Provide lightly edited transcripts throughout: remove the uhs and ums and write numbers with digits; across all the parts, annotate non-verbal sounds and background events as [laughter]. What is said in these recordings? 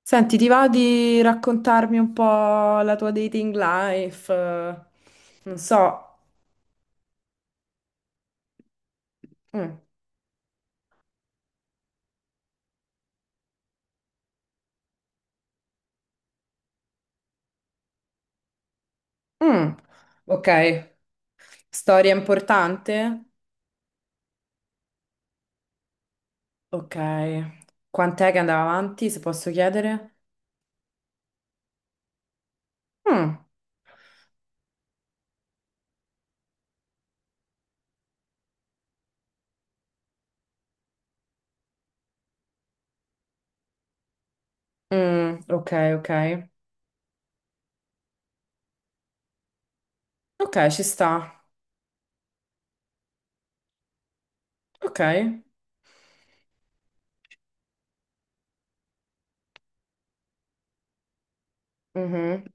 Senti, ti va di raccontarmi un po' la tua dating life? Eh. Non so. Mm. Mm. Ok, storia importante? Ok. Quant'è che andava avanti, se posso chiedere? Mm. Mm. Ok, ok. Ok, ci sta. Ok. Mhm.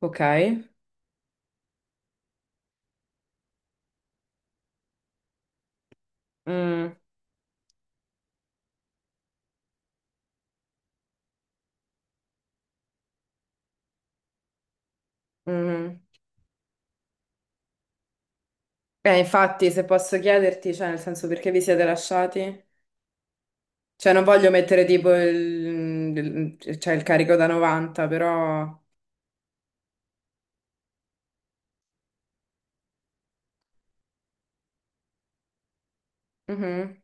Ok. Mm. Mhm. Infatti, se posso chiederti, cioè, nel senso, perché vi siete lasciati? Cioè, non voglio mettere tipo cioè, il carico da 90, però. Mhm.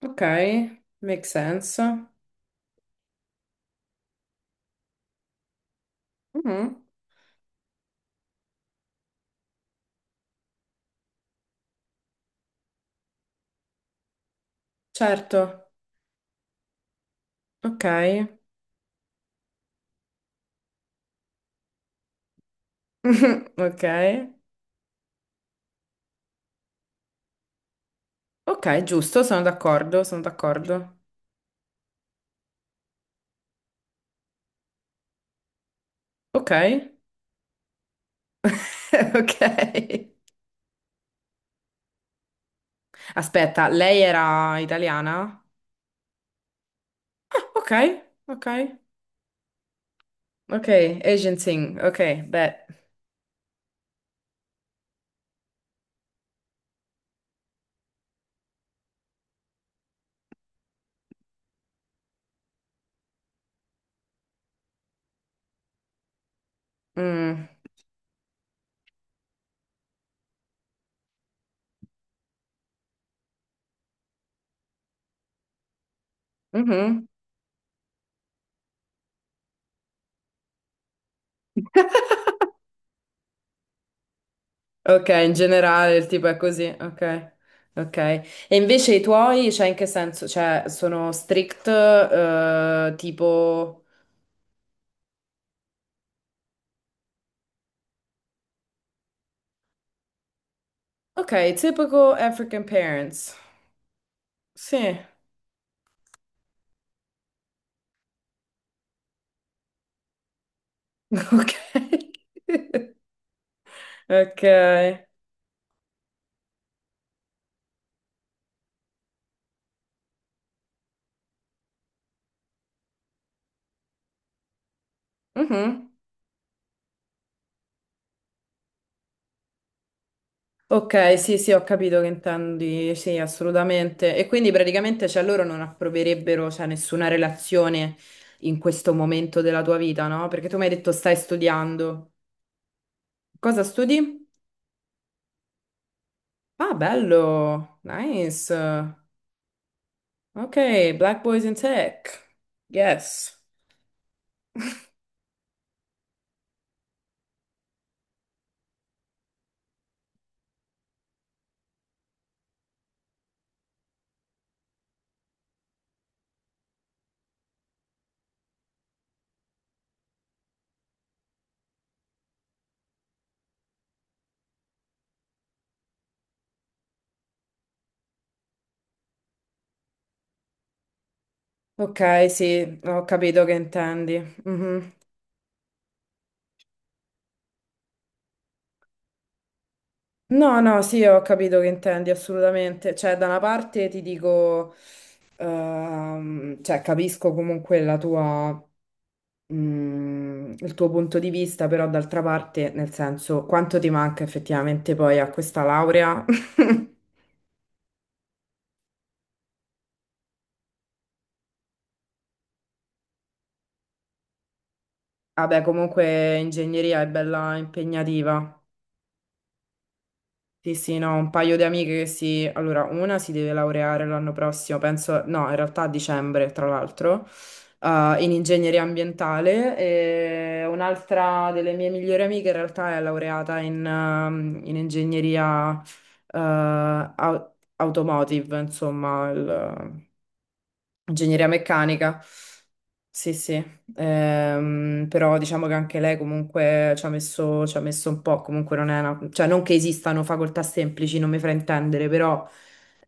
Ok, make sense. Mhm. Certo, ok. [laughs] Ok, ok, giusto, sono d'accordo, sono d'accordo. Ok, [laughs] ok. Aspetta, lei era italiana? Ah. Ok, ok, ok, Asian thing, ok, beh. Mm. Mhm. Ok, in generale il tipo è così, ok. Ok. E invece i tuoi, cioè in che senso? Cioè, sono strict, tipo. Ok, typical African parents. Sì. [laughs] Ok. Ok. Mhm. Ok, sì, sì, ho capito che intendi, sì, assolutamente. E quindi praticamente, cioè, loro non approverebbero, cioè, nessuna relazione in questo momento della tua vita, no? Perché tu mi hai detto stai studiando. Cosa studi? Ah, bello. Nice. Ok, Black Boys in Tech. Yes. Ok, sì, ho capito che intendi. Mhm. No, no, sì, ho capito che intendi assolutamente. Cioè, da una parte ti dico, cioè, capisco comunque la tua, il tuo punto di vista, però d'altra parte, nel senso, quanto ti manca effettivamente poi a questa laurea? [laughs] Vabbè, comunque ingegneria è bella impegnativa. Sì, sì, no, un paio di amiche che si. Allora, una si deve laureare l'anno prossimo, penso, no, in realtà a dicembre, tra l'altro, in ingegneria ambientale e un'altra delle mie migliori amiche in realtà è laureata in, in ingegneria, eh, automotive, insomma. Ingegneria meccanica, sì, sì, però diciamo che anche lei comunque ci ha messo un po', comunque non è una, cioè non che esistano facoltà semplici, non mi fraintendere, però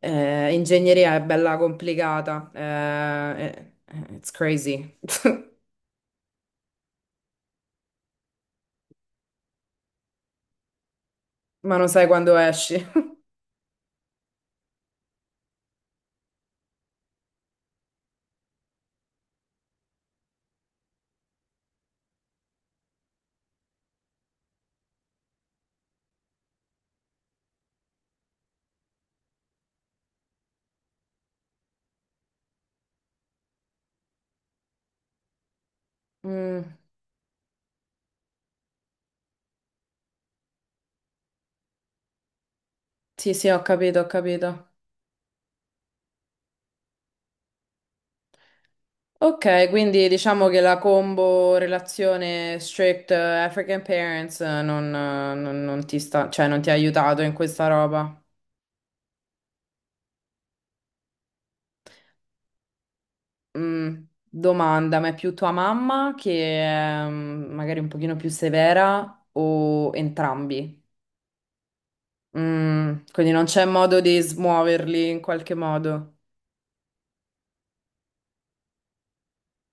ingegneria è bella complicata. It's crazy, [laughs] ma non sai quando esci. Mm, sì, sì, ho capito, ho capito. Ok, quindi diciamo che la combo relazione strict African parents non ti sta, cioè non ti ha aiutato in questa roba. Mm, domanda, ma è più tua mamma che è magari un pochino più severa o entrambi? Mm, quindi non c'è modo di smuoverli in qualche modo.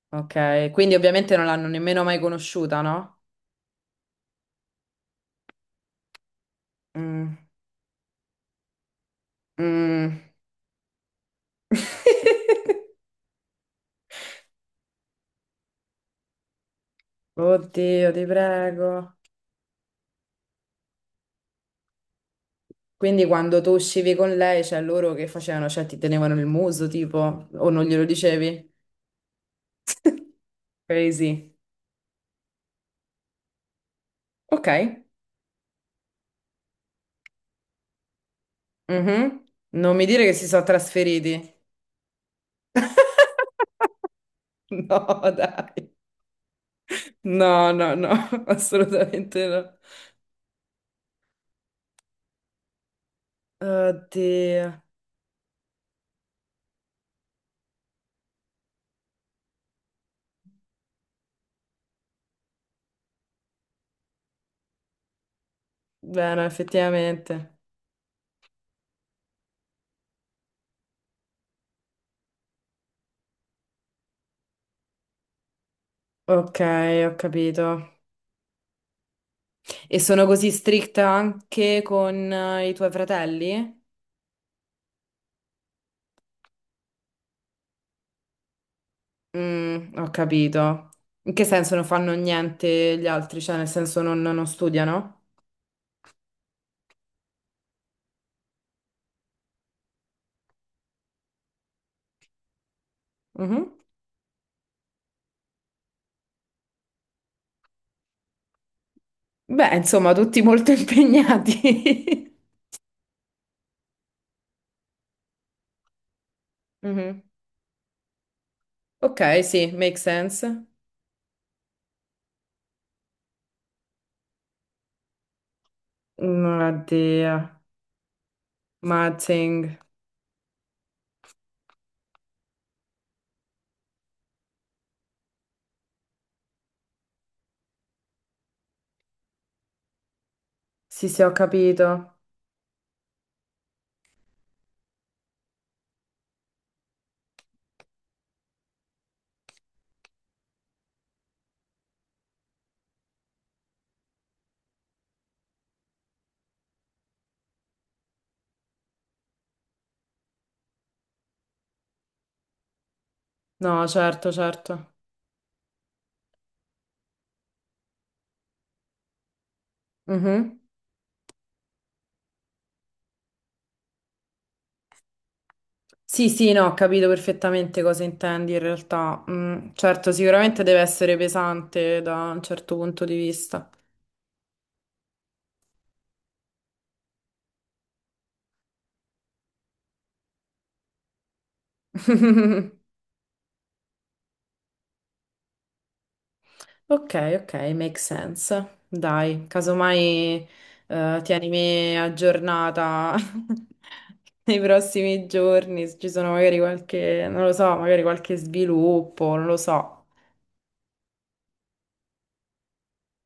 Ok, quindi ovviamente non l'hanno nemmeno mai conosciuta, no? Mm, mm. [laughs] Oddio, ti prego. Quindi quando tu uscivi con lei, cioè loro che facevano? Cioè ti tenevano il muso, tipo, o non glielo dicevi? [laughs] Crazy. Ok. Mhm. Non mi dire che si sono trasferiti. [laughs] No, dai. No, no, no, [laughs] assolutamente no. Oddio. Bene, effettivamente. Ok, ho capito. E sono così stricta anche con i tuoi fratelli? Mm, ho capito. In che senso non fanno niente gli altri? Cioè, nel senso non studiano? Mhm. Beh, insomma, tutti molto [laughs] impegnati. Mhm. Ok, sì, make sense. Non Oddio. Mazzing. Sì, sì, ho capito. No, certo, certo. Mhm. Sì, sì, no, ho capito perfettamente cosa intendi in realtà. Mm, certo, sicuramente deve essere pesante da un certo punto di vista. [laughs] Ok, ok, make sense. Dai, casomai tienimi aggiornata [laughs] nei prossimi giorni, se ci sono magari qualche, non lo so, magari qualche sviluppo, non lo so.